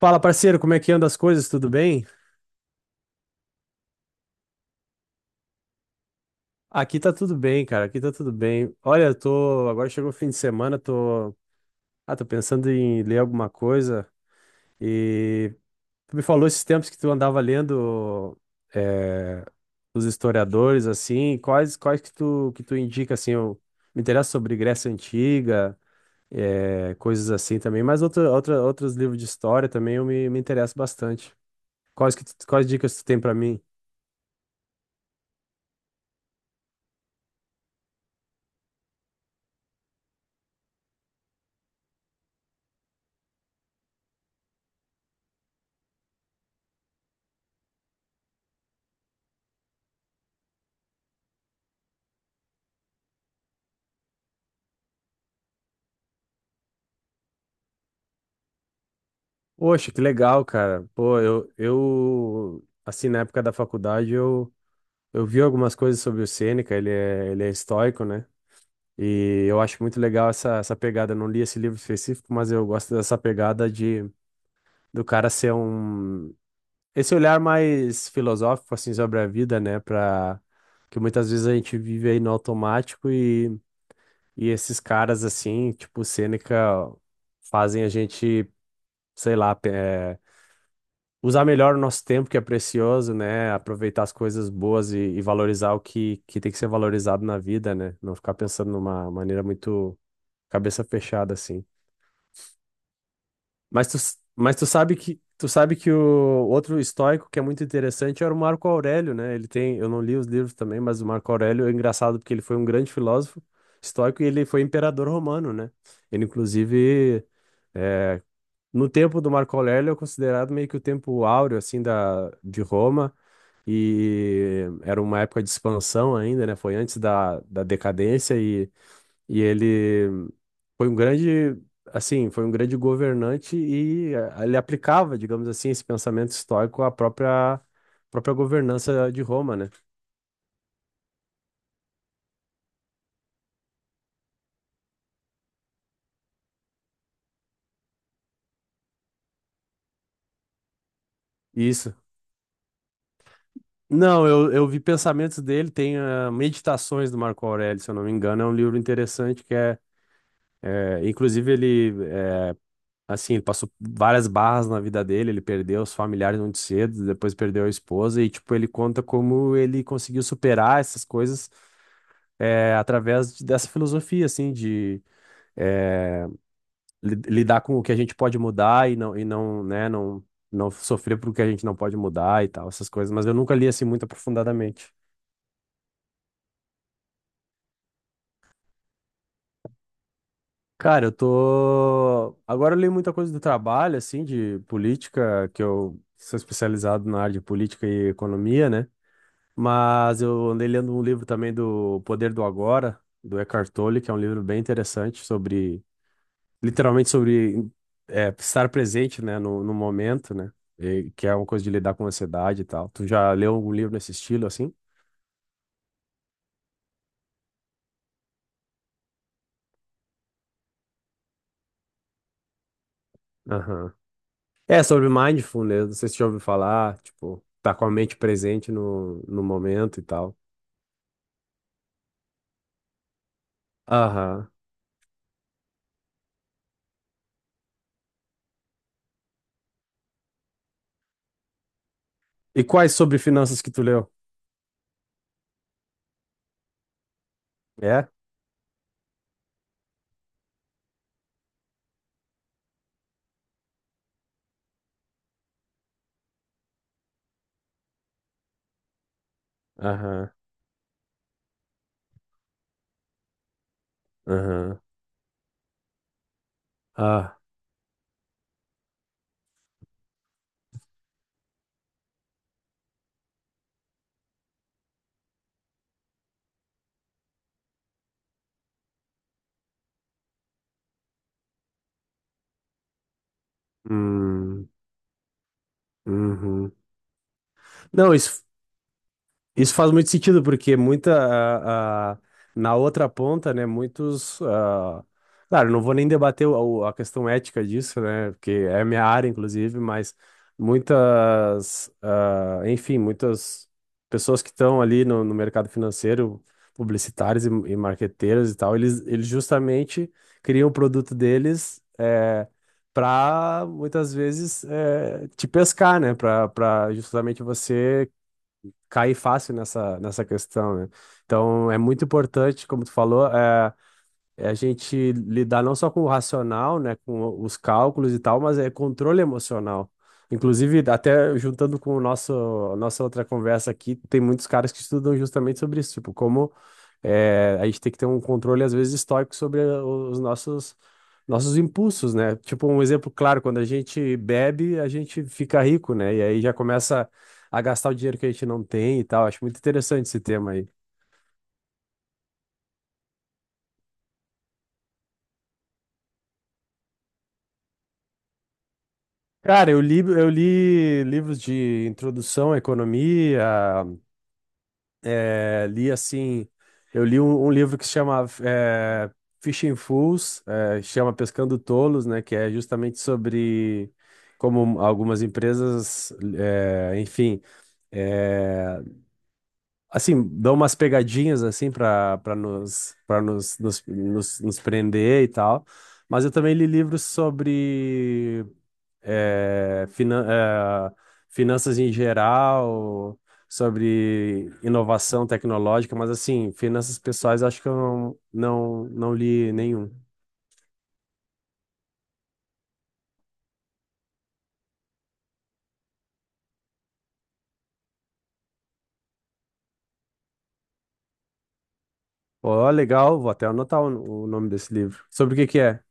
Fala, parceiro, como é que anda as coisas? Tudo bem? Aqui tá tudo bem, cara. Aqui tá tudo bem. Olha, eu tô. Agora chegou o fim de semana, tô. Tô pensando em ler alguma coisa. E tu me falou esses tempos que tu andava lendo eh, os historiadores, assim. Quais que tu indica, assim? Eu me interesso sobre Grécia Antiga, coisas assim também. Mas outros livros de história também eu me interesso bastante. Quais dicas tu tem pra mim? Poxa, que legal, cara. Pô, eu assim, na época da faculdade, eu vi algumas coisas sobre o Sêneca, ele é estoico, né? E eu acho muito legal essa pegada. Eu não li esse livro específico, mas eu gosto dessa pegada de do cara ser um... Esse olhar mais filosófico, assim, sobre a vida, né? Pra... Que muitas vezes a gente vive aí no automático e esses caras, assim, tipo o Sêneca, fazem a gente, sei lá, usar melhor o nosso tempo, que é precioso, né? Aproveitar as coisas boas e valorizar que tem que ser valorizado na vida, né? Não ficar pensando numa maneira muito cabeça fechada, assim. Mas mas tu sabe que o outro estoico que é muito interessante era o Marco Aurélio, né? Ele tem, eu não li os livros também, mas o Marco Aurélio é engraçado porque ele foi um grande filósofo estoico e ele foi imperador romano, né? Ele, inclusive, é, no tempo do Marco Aurélio é considerado meio que o tempo áureo, assim, de Roma e era uma época de expansão ainda, né? Foi antes da decadência e ele foi um grande, assim, foi um grande governante e ele aplicava, digamos assim, esse pensamento estoico à própria governança de Roma, né? Isso. Não, eu vi pensamentos dele, tem Meditações do Marco Aurélio, se eu não me engano, é um livro interessante inclusive ele assim, ele passou várias barras na vida dele, ele perdeu os familiares muito cedo, depois perdeu a esposa, e, tipo, ele conta como ele conseguiu superar essas coisas através dessa filosofia, assim, de lidar com o que a gente pode mudar e não sofrer por o que a gente não pode mudar e tal, essas coisas. Mas eu nunca li, assim, muito aprofundadamente. Cara, eu tô... Agora eu li muita coisa do trabalho, assim, de política, que eu sou especializado na área de política e economia, né? Mas eu andei lendo um livro também do Poder do Agora, do Eckhart Tolle, que é um livro bem interessante sobre, literalmente sobre estar presente, né, no momento, né, e que é uma coisa de lidar com ansiedade e tal. Tu já leu algum livro nesse estilo, assim? Aham. É, sobre mindfulness, não sei se você já ouviu falar, tipo, tá com a mente presente no momento e tal. Aham. E quais sobre finanças que tu leu? É? Aham, aham. Ah, hum, uhum. Não, isso Isso faz muito sentido, porque na outra ponta, né? Claro, não vou nem debater a questão ética disso, né? Porque é a minha área, inclusive, mas muitas pessoas que estão ali no mercado financeiro, publicitários e marqueteiros e tal, eles justamente criam o produto deles. Para muitas vezes te pescar, né? Para justamente você cair fácil nessa questão, né? Então, é muito importante, como tu falou, a gente lidar não só com o racional, né, com os cálculos e tal, mas é controle emocional. Inclusive, até juntando com o a nossa outra conversa aqui, tem muitos caras que estudam justamente sobre isso, tipo, como a gente tem que ter um controle, às vezes, estoico sobre nossos impulsos, né? Tipo, um exemplo claro, quando a gente bebe, a gente fica rico, né? E aí já começa a gastar o dinheiro que a gente não tem e tal. Acho muito interessante esse tema aí. Cara, eu li livros de introdução à economia, é, li assim, eu li um livro que se chama Fishing Fools, chama Pescando Tolos, né? Que é justamente sobre como algumas empresas, é, enfim, é, assim, dão umas pegadinhas assim para nos prender e tal. Mas eu também li livros sobre é, finan- é, finanças em geral, sobre inovação tecnológica, mas assim, finanças pessoais acho que eu não li nenhum. Ó, legal, vou até anotar o nome desse livro. Sobre o que que é?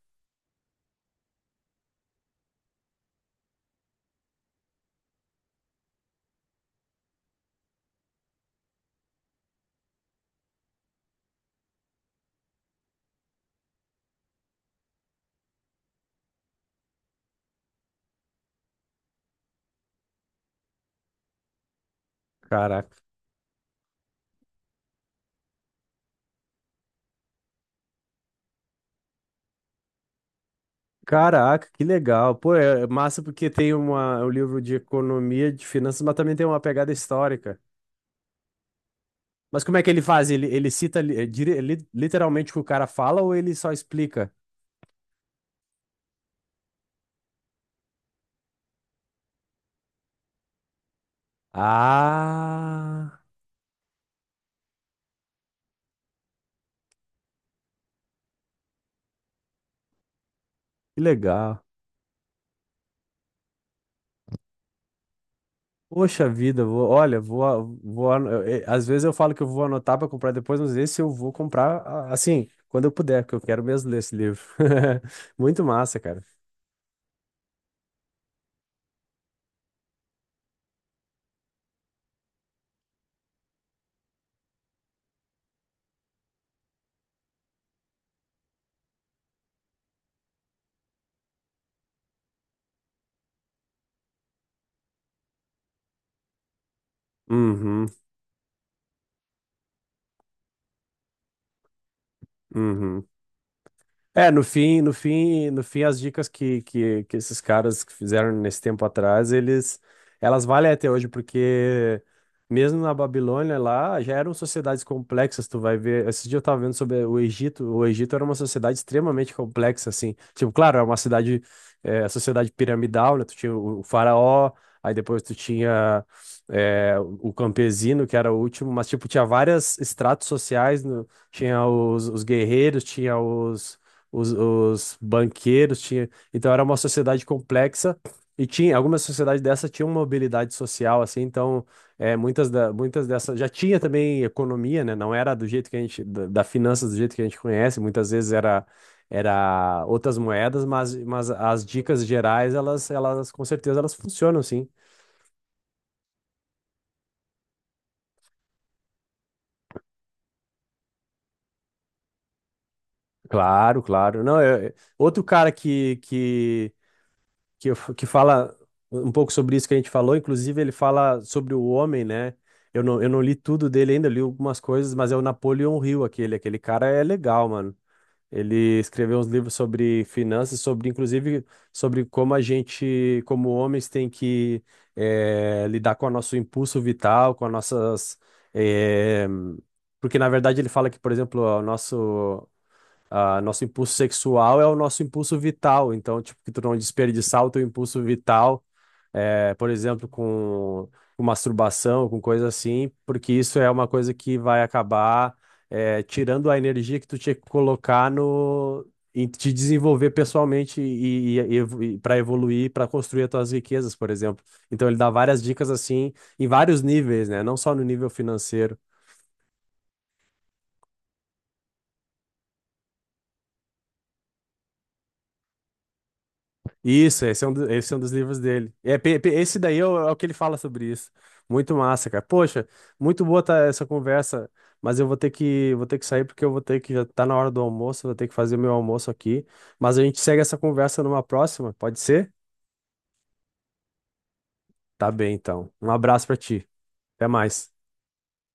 Caraca. Caraca, que legal. Pô, é massa porque tem uma, é um livro de economia, de finanças, mas também tem uma pegada histórica. Mas como é que ele faz? Ele cita literalmente o que o cara fala ou ele só explica? Ah, que legal. Poxa vida, vou, olha, vou, a- vou, ano- eu- eh, às vezes eu falo que eu vou anotar para comprar depois, mas esse eu vou comprar assim, quando eu puder, porque eu quero mesmo ler esse livro. Muito massa, cara. Uhum, uhum. É, no fim, as dicas que esses caras que fizeram nesse tempo atrás, elas valem até hoje, porque mesmo na Babilônia lá, já eram sociedades complexas, tu vai ver, esse dia eu tava vendo sobre o Egito era uma sociedade extremamente complexa, assim, tipo, claro, é uma cidade, sociedade piramidal, né, tu tinha o faraó, aí depois tu tinha, o campesino, que era o último, mas, tipo, tinha várias estratos sociais, tinha os guerreiros, tinha os banqueiros tinha, então era uma sociedade complexa e tinha algumas sociedades dessa tinham mobilidade social assim, então muitas muitas dessas já tinha também economia, né? Não era do jeito que a gente da finanças do jeito que a gente conhece, muitas vezes era outras moedas, mas as dicas gerais elas com certeza elas funcionam sim. Claro, claro. Não, outro cara que fala um pouco sobre isso que a gente falou. Inclusive, ele fala sobre o homem, né? Eu não li tudo dele ainda, eu li algumas coisas, mas é o Napoleon Hill, aquele. Aquele cara é legal, mano. Ele escreveu uns livros sobre finanças, sobre, inclusive, sobre como a gente, como homens, tem que lidar com o nosso impulso vital, com as nossas. eh, Porque, na verdade, ele fala que, por exemplo, nosso impulso sexual é o nosso impulso vital, então, tipo, que tu não desperdiçar o teu impulso vital, por exemplo, com masturbação, com coisa assim, porque isso é uma coisa que vai acabar, tirando a energia que tu tinha que colocar no, em te desenvolver pessoalmente para evoluir, para construir as tuas riquezas, por exemplo. Então, ele dá várias dicas assim, em vários níveis, né? Não só no nível financeiro. Isso, esse é um, esse é um dos livros dele. É, esse daí é é o que ele fala sobre isso. Muito massa, cara. Poxa, muito boa tá essa conversa, mas eu vou ter vou ter que sair porque eu vou ter que, já tá na hora do almoço, vou ter que fazer meu almoço aqui. Mas a gente segue essa conversa numa próxima, pode ser? Tá bem, então. Um abraço pra ti. Até mais.